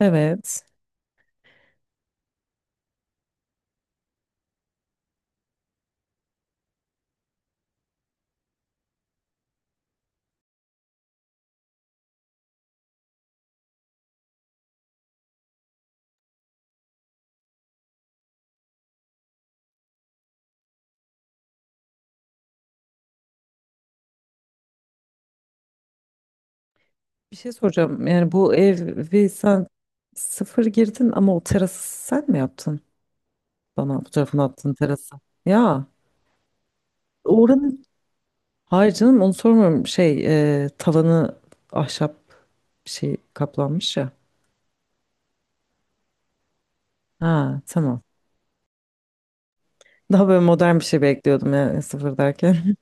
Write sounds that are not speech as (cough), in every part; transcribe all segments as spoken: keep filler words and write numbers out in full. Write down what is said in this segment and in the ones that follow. Evet. Bir şey soracağım. Yani bu evi sen sıfır girdin ama o terası sen mi yaptın? Bana fotoğrafını attığın terası. Ya oranın... Hayır canım onu sormuyorum. Şey e, tavanı ahşap bir şey kaplanmış ya. Ha tamam. Daha böyle modern bir şey bekliyordum ya sıfır derken.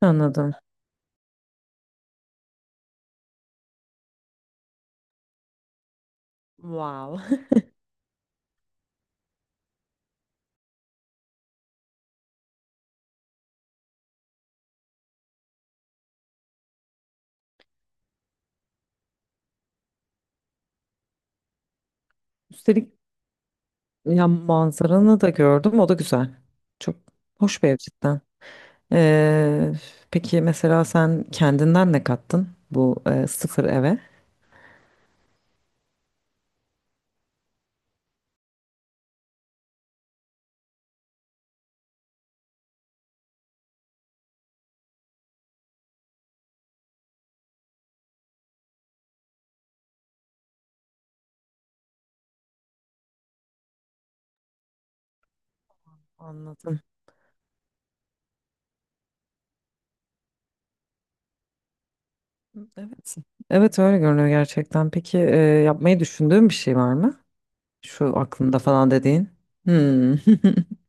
(laughs) Anladım. Wow. (laughs) Üstelik ya manzaranı da gördüm. O da güzel. Çok hoş bir ev cidden. Ee, peki mesela sen kendinden ne kattın bu e, sıfır eve? Anladım. Evet. Evet öyle görünüyor gerçekten. Peki e, yapmayı düşündüğün bir şey var mı? Şu aklımda falan dediğin. Hmm. (laughs)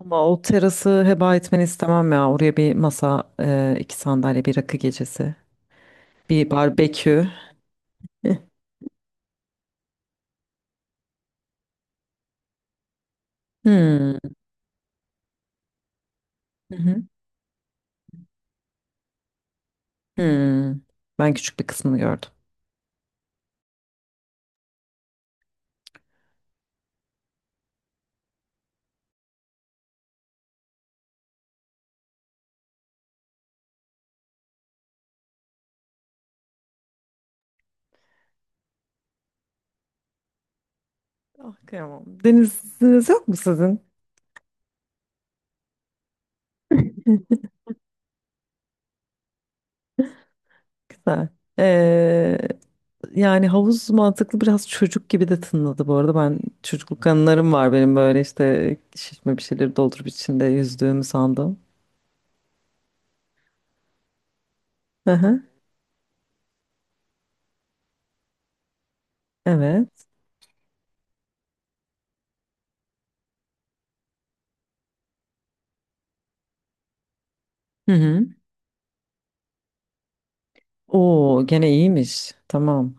Ama o terası heba etmeni istemem ya. Oraya bir masa, e, iki sandalye, bir rakı gecesi, bir barbekü. (laughs) Hmm. Hmm. Ben küçük bir kısmını gördüm. Ah kıyamam. Deniziniz yok mu sizin? Güzel. Ee, Yani havuz mantıklı biraz çocuk gibi de tınladı bu arada. Ben çocukluk anılarım var benim böyle işte şişme bir şeyleri doldurup içinde yüzdüğümü sandım. Hı hı. Evet. Hı hı. Oo gene iyiymiş. Tamam.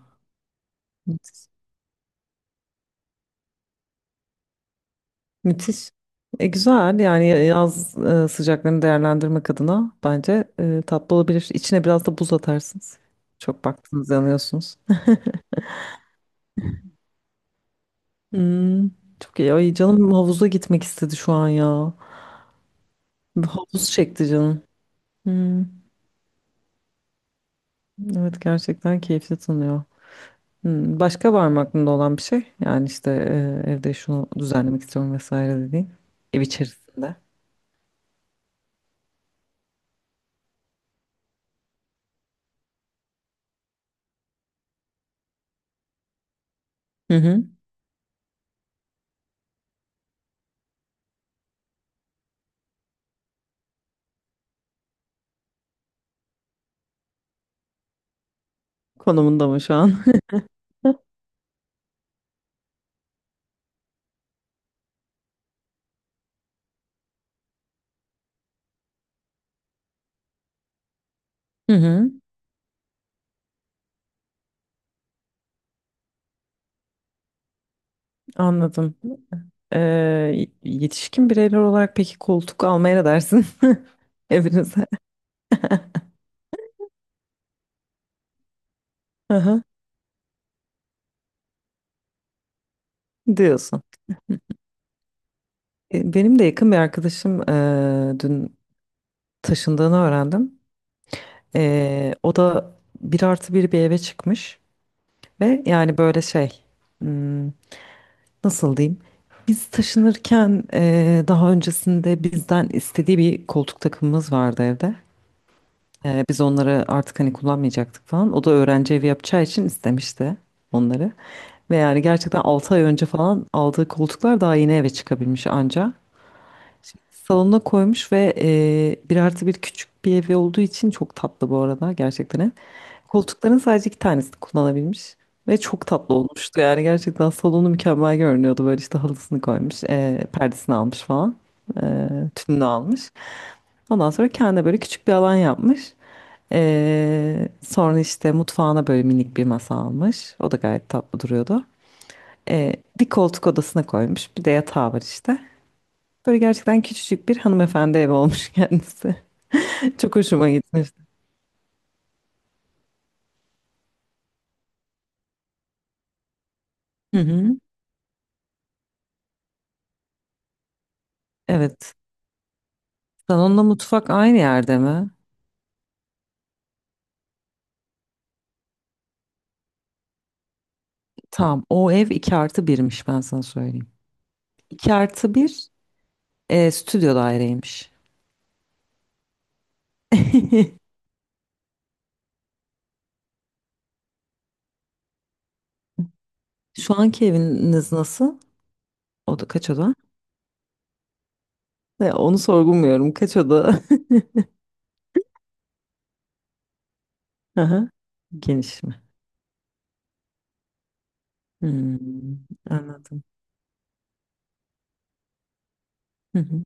Müthiş. E, güzel yani e, yaz e, sıcaklarını değerlendirmek adına bence e, tatlı olabilir. İçine biraz da buz atarsınız. Çok baktınız yanıyorsunuz. Hmm, çok iyi. Ay canım havuza gitmek istedi şu an ya. Havuz çekti canım. Hmm, evet gerçekten keyifli tanıyor. Hmm, başka var mı aklında olan bir şey? Yani işte e, evde şunu düzenlemek istiyorum vesaire dediğin. Ev içerisinde. Hı hı. Konumunda mı şu an? (laughs) Hı hı, anladım. Ee, Yetişkin bireyler olarak peki koltuk almaya ne dersin (laughs) evinize? Aha, diyorsun. E, benim de yakın bir arkadaşım e, dün taşındığını öğrendim. E, o da bir artı bir bir eve çıkmış ve yani böyle şey, hmm, nasıl diyeyim? Biz taşınırken e, daha öncesinde bizden istediği bir koltuk takımımız vardı evde. Ee, biz onları artık hani kullanmayacaktık falan. O da öğrenci evi yapacağı için istemişti onları. Ve yani gerçekten altı ay önce falan aldığı koltuklar daha yeni eve çıkabilmiş anca. Şimdi salonuna koymuş ve e, bir artı bir küçük bir evi olduğu için çok tatlı bu arada gerçekten. Ev. Koltukların sadece iki tanesini kullanabilmiş. Ve çok tatlı olmuştu yani gerçekten salonu mükemmel görünüyordu. Böyle işte halısını koymuş, e, perdesini almış falan, e, tününü almış. Ondan sonra kendine böyle küçük bir alan yapmış. Ee, sonra işte mutfağına böyle minik bir masa almış. O da gayet tatlı duruyordu. Ee, Bir koltuk odasına koymuş. Bir de yatağı var işte. Böyle gerçekten küçücük bir hanımefendi evi olmuş (laughs) kendisi. Çok hoşuma gitmişti. Hı hı. Evet. Salonla mutfak aynı yerde mi? Tamam. O ev iki artı birmiş, ben sana söyleyeyim. iki artı bir, e, stüdyo daireymiş. (laughs) Şu anki eviniz nasıl? O da kaç oda? Ya onu sorgulmuyorum. Kaç oda? (laughs) Aha, geniş mi? Hmm, anladım. Hı hı.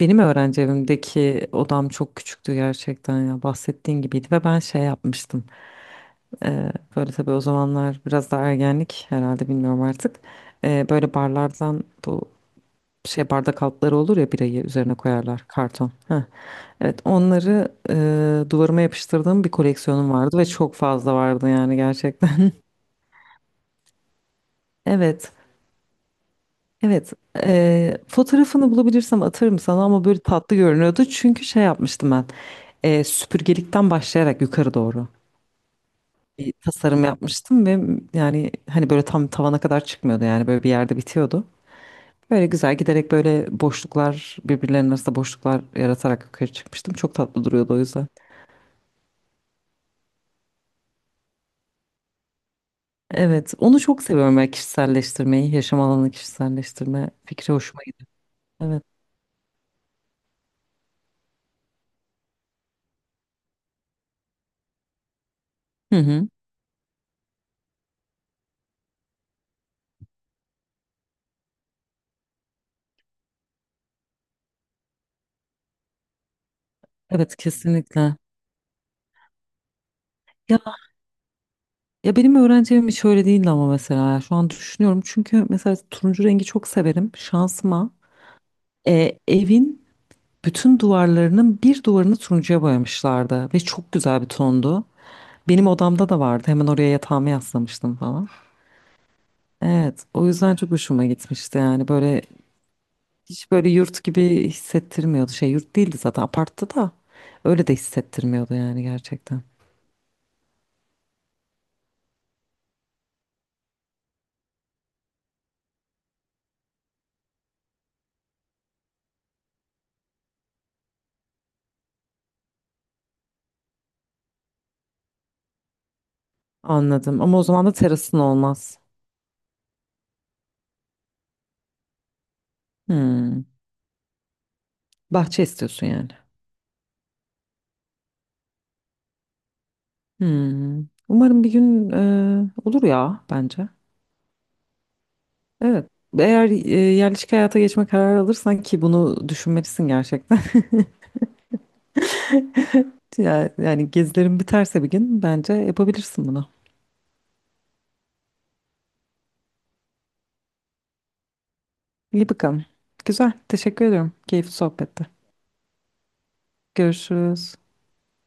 Benim öğrenci evimdeki odam çok küçüktü gerçekten ya bahsettiğin gibiydi ve ben şey yapmıştım. Ee, böyle tabii o zamanlar biraz da ergenlik herhalde bilmiyorum artık. Ee, böyle barlardan bu şey bardak altları olur ya birayı üzerine koyarlar karton. Heh. Evet onları e, duvarıma yapıştırdığım bir koleksiyonum vardı ve çok fazla vardı yani gerçekten. (laughs) Evet. Evet, eee, fotoğrafını bulabilirsem atarım sana ama böyle tatlı görünüyordu. Çünkü şey yapmıştım ben, eee, süpürgelikten başlayarak yukarı doğru bir tasarım yapmıştım ve yani hani böyle tam tavana kadar çıkmıyordu yani böyle bir yerde bitiyordu. Böyle güzel giderek böyle boşluklar birbirlerinin arasında boşluklar yaratarak yukarı çıkmıştım. Çok tatlı duruyordu o yüzden. Evet, onu çok seviyorum ben kişiselleştirmeyi, yaşam alanını kişiselleştirme fikri hoşuma gitti. Evet. Hı hı. Evet kesinlikle. Ya. Ya benim öğrenci evim hiç öyle değildi ama mesela şu an düşünüyorum. Çünkü mesela turuncu rengi çok severim. Şansıma e, evin bütün duvarlarının bir duvarını turuncuya boyamışlardı. Ve çok güzel bir tondu. Benim odamda da vardı. Hemen oraya yatağımı yaslamıştım falan. Evet, o yüzden çok hoşuma gitmişti yani. Böyle hiç böyle yurt gibi hissettirmiyordu. Şey yurt değildi zaten aparttı da. Öyle de hissettirmiyordu yani gerçekten. Anladım ama o zaman da terasın olmaz. Hmm. Bahçe istiyorsun yani. Hmm. Umarım bir gün e, olur ya bence. Evet. Eğer e, yerleşik hayata geçme kararı alırsan ki bunu düşünmelisin gerçekten. (laughs) Ya- yani gezilerin biterse bir gün bence yapabilirsin bunu. İyi bakalım. Güzel. Teşekkür ediyorum. Keyifli sohbette. Görüşürüz.